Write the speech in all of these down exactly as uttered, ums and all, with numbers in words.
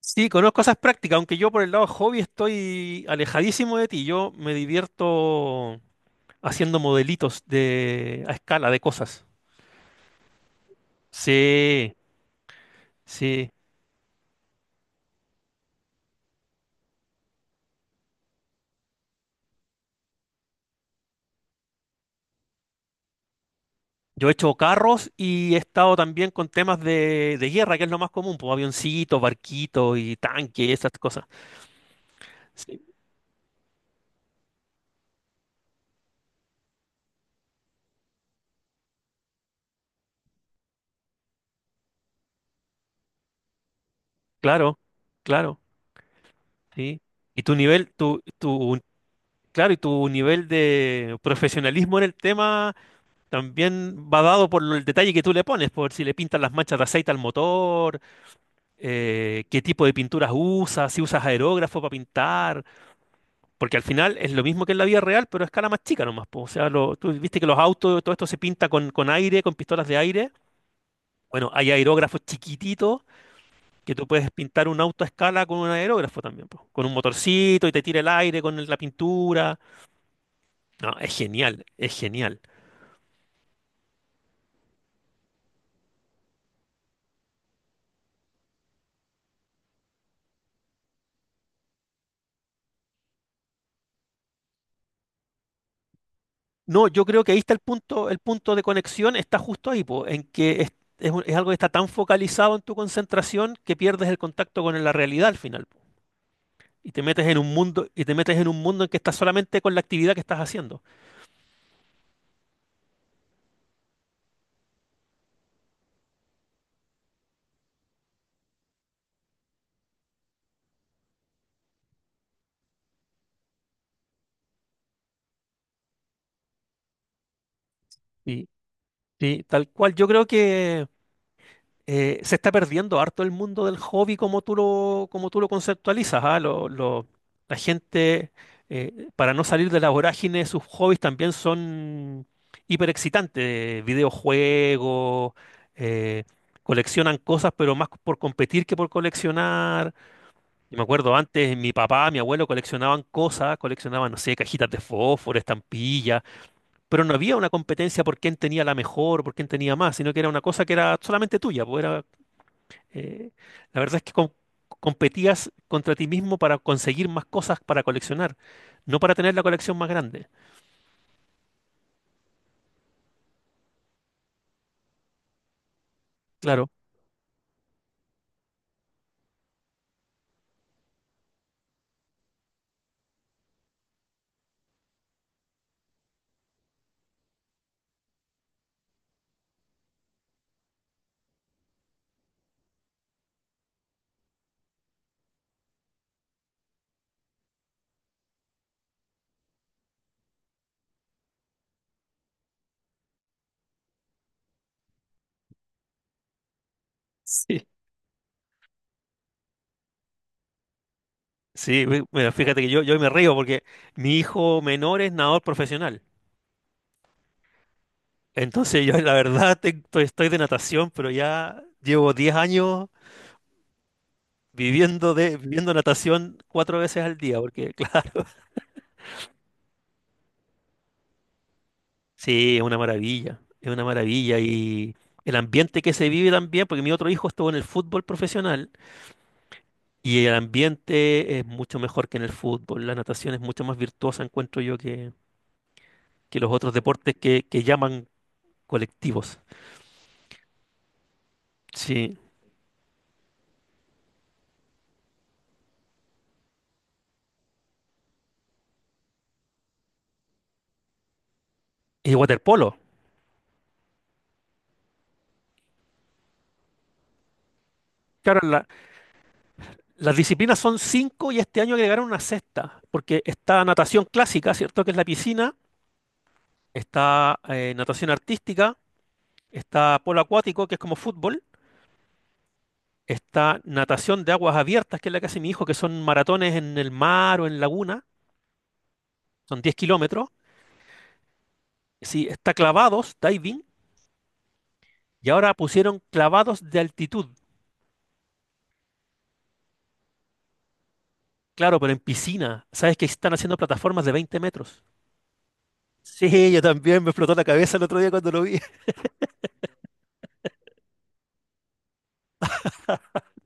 Sí, conozco esas prácticas, aunque yo por el lado hobby estoy alejadísimo de ti. Yo me divierto haciendo modelitos de a escala de cosas. Sí, sí. Yo he hecho carros y he estado también con temas de, de guerra, que es lo más común, pues avioncitos, barquitos y tanques, esas cosas. Sí, claro, claro, sí. Y tu nivel, tu, tu, claro, y tu nivel de profesionalismo en el tema también va dado por el detalle que tú le pones, por si le pintas las manchas de aceite al motor, eh, qué tipo de pinturas usas, si usas aerógrafo para pintar, porque al final es lo mismo que en la vida real, pero a escala más chica nomás, po. O sea, lo- tú viste que los autos, todo esto se pinta con, con aire, con pistolas de aire. Bueno, hay aerógrafos chiquititos que tú puedes pintar un auto a escala con un aerógrafo también, po, con un motorcito y te tira el aire con el- la pintura. No, es genial, es genial. No, yo creo que ahí está el punto, el punto de conexión está justo ahí, po, en que es, es un- es algo que está tan focalizado en tu concentración que pierdes el contacto con la realidad al final, po, y te metes en un mundo, y te metes en un mundo en que estás solamente con la actividad que estás haciendo. Y, y tal cual, yo creo que eh, se está perdiendo harto el mundo del hobby como tú lo, como tú lo conceptualizas, ¿ah? Lo- lo- la gente, eh, para no salir de la vorágine, sus hobbies también son hiper excitantes videojuegos, eh, coleccionan cosas, pero más por competir que por coleccionar. Yo me acuerdo antes, mi papá, mi abuelo coleccionaban cosas, coleccionaban, no sé, cajitas de fósforo, estampillas, pero no había una competencia por quién tenía la mejor, por quién tenía más, sino que era una cosa que era solamente tuya, pues, era eh, la verdad es que com- competías contra ti mismo para conseguir más cosas para coleccionar, no para tener la colección más grande. Claro. Sí. Sí, mi- mira, fíjate que yo, yo me río porque mi hijo menor es nadador profesional. Entonces yo la verdad te- estoy, estoy de natación, pero ya llevo diez años viviendo de viviendo natación cuatro veces al día, porque claro, sí, es una maravilla, es una maravilla y el ambiente que se vive también, porque mi otro hijo estuvo en el fútbol profesional. Y el ambiente es mucho mejor que en el fútbol. La natación es mucho más virtuosa, encuentro yo, que, que los otros deportes que, que llaman colectivos. Sí. Y waterpolo. Claro, la- las disciplinas son cinco y este año agregaron una sexta, porque está natación clásica, ¿cierto? Que es la piscina, está eh, natación artística, está polo acuático, que es como fútbol, está natación de aguas abiertas, que es la que hace mi hijo, que son maratones en el mar o en laguna, son diez kilómetros. Sí, está clavados, diving. Y ahora pusieron clavados de altitud. Claro, pero en piscina. ¿Sabes que están haciendo plataformas de veinte metros? Sí, yo también me explotó la cabeza el otro día cuando lo vi.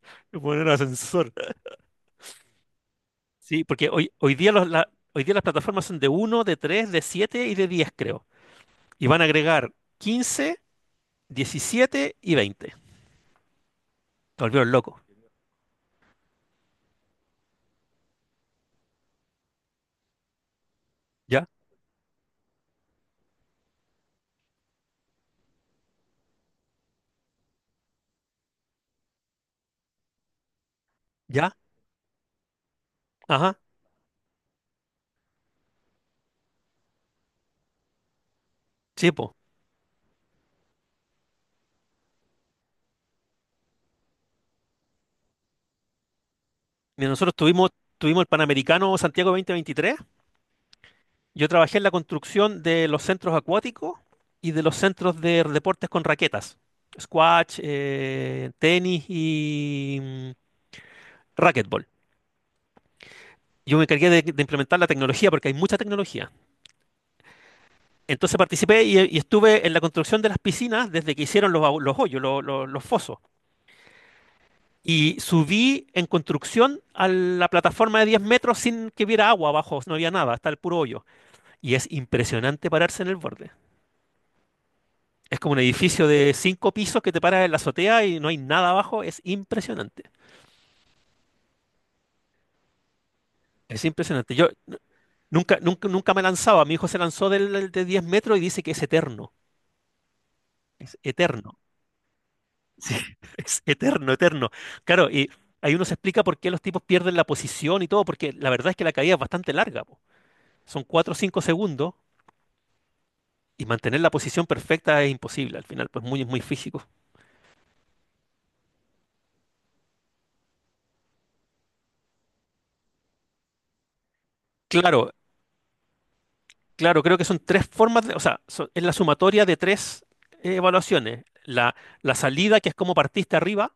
Poner ascensor. Sí, porque hoy, hoy día los, la- hoy día las plataformas son de uno, de tres, de siete y de diez, creo. Y van a agregar quince, diecisiete y veinte. Te volvieron loco. ¿Ya? ¿Ya? Ajá. Sí, po. Mira, nosotros tuvimos, tuvimos el Panamericano Santiago dos mil veintitrés. Yo trabajé en la construcción de los centros acuáticos y de los centros de deportes con raquetas, squash, eh, tenis y mm, racquetball. Yo me encargué de, de implementar la tecnología porque hay mucha tecnología. Entonces participé y, y estuve en la construcción de las piscinas desde que hicieron los, agu- los hoyos, lo- lo- los fosos. Y subí en construcción a la plataforma de diez metros sin que hubiera agua abajo, no había nada, hasta el puro hoyo. Y es impresionante pararse en el borde. Es como un edificio de cinco pisos que te paras en la azotea y no hay nada abajo. Es impresionante. Es impresionante. Yo n- nunca, nunca, nunca me lanzaba. Mi hijo se lanzó del, de diez metros y dice que es eterno. Es eterno. Es eterno, eterno. Claro, y ahí uno se explica por qué los tipos pierden la posición y todo, porque la verdad es que la caída es bastante larga, po. Son cuatro o cinco segundos y mantener la posición perfecta es imposible al final, pues muy, muy físico. Claro, claro, creo que son tres formas de, o sea, so- es la sumatoria de tres eh, evaluaciones. La, la salida, que es cómo partiste arriba,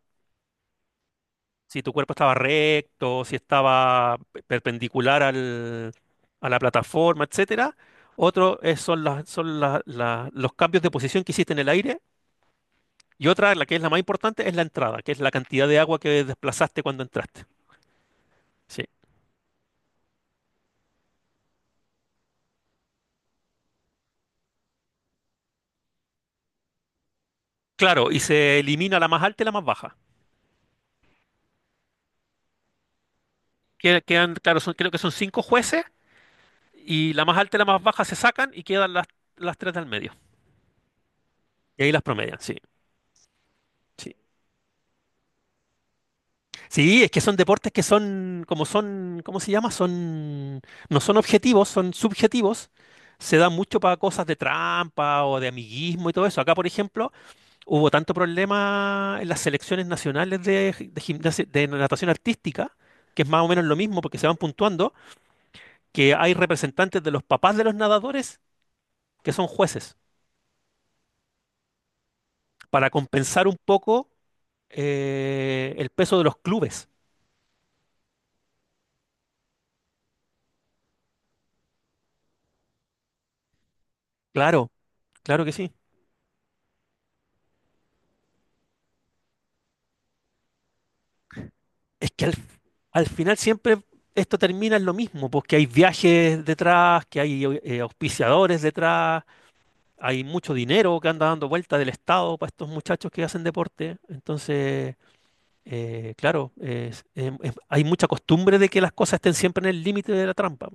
si tu cuerpo estaba recto, si estaba pe- perpendicular al- a la plataforma, etcétera. Otro es- son, las- son la- la- Los cambios de posición que hiciste en el aire. Y otra, la que es la más importante, es la entrada, que es la cantidad de agua que desplazaste cuando entraste. Sí. Claro, y se elimina la más alta y la más baja. Que- Quedan, claro, son- creo que son cinco jueces. Y la más alta y la más baja se sacan y quedan las, las tres del medio. Y ahí las promedian, sí. Sí. Sí, es que son deportes que son, como son, ¿cómo se llama? Son, no son objetivos, son subjetivos. Se da mucho para cosas de trampa o de amiguismo y todo eso. Acá, por ejemplo, hubo tanto problema en las selecciones nacionales de, gi- de gimnasia- de natación artística, que es más o menos lo mismo porque se van puntuando, que hay representantes de los papás de los nadadores que son jueces, para compensar un poco eh, el peso de los clubes. Claro, claro que sí. Es que al, al final siempre esto termina en lo mismo, porque hay viajes detrás, que hay eh, auspiciadores detrás, hay mucho dinero que anda dando vuelta del Estado para estos muchachos que hacen deporte. Entonces, eh, claro, es- em- em- hay mucha costumbre de que las cosas estén siempre en el límite de la trampa.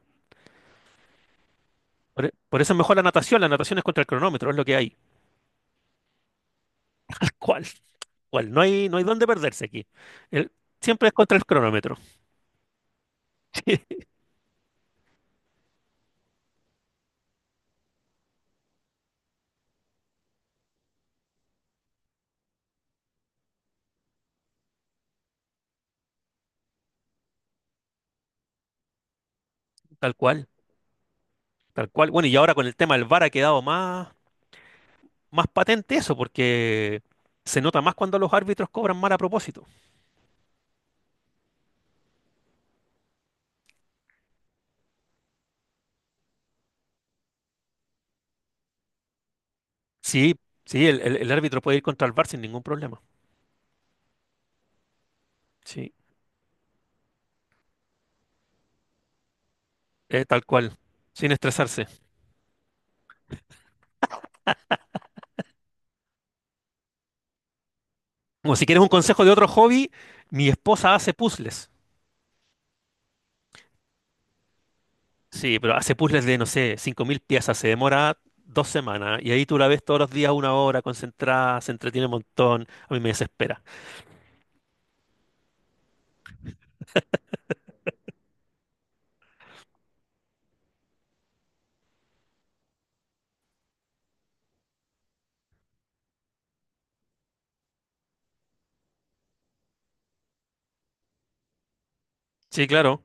Por, e- por eso es mejor la natación, la natación es contra el cronómetro, es lo que hay. ¿Cuál? ¿Cuál? No hay, no hay dónde perderse aquí. El- Siempre es contra el cronómetro. Tal cual, tal cual. Bueno, y ahora con el tema del VAR ha quedado más, más patente eso, porque se nota más cuando los árbitros cobran mal a propósito. Sí, sí, el, el- el árbitro puede ir contra el VAR sin ningún problema. Sí, eh, tal cual, sin estresarse. Como si quieres un consejo de otro hobby, mi esposa hace puzzles. Sí, pero hace puzzles de, no sé, cinco mil piezas, se demora dos semanas y ahí tú la ves todos los días una hora, concentrada, se entretiene un montón, a mí me desespera. Sí, claro.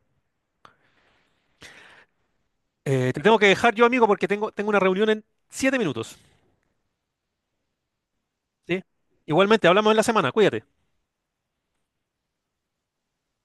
Eh, te tengo que dejar yo, amigo, porque tengo, tengo una reunión en siete minutos. ¿Sí? Igualmente, hablamos en la semana. Cuídate.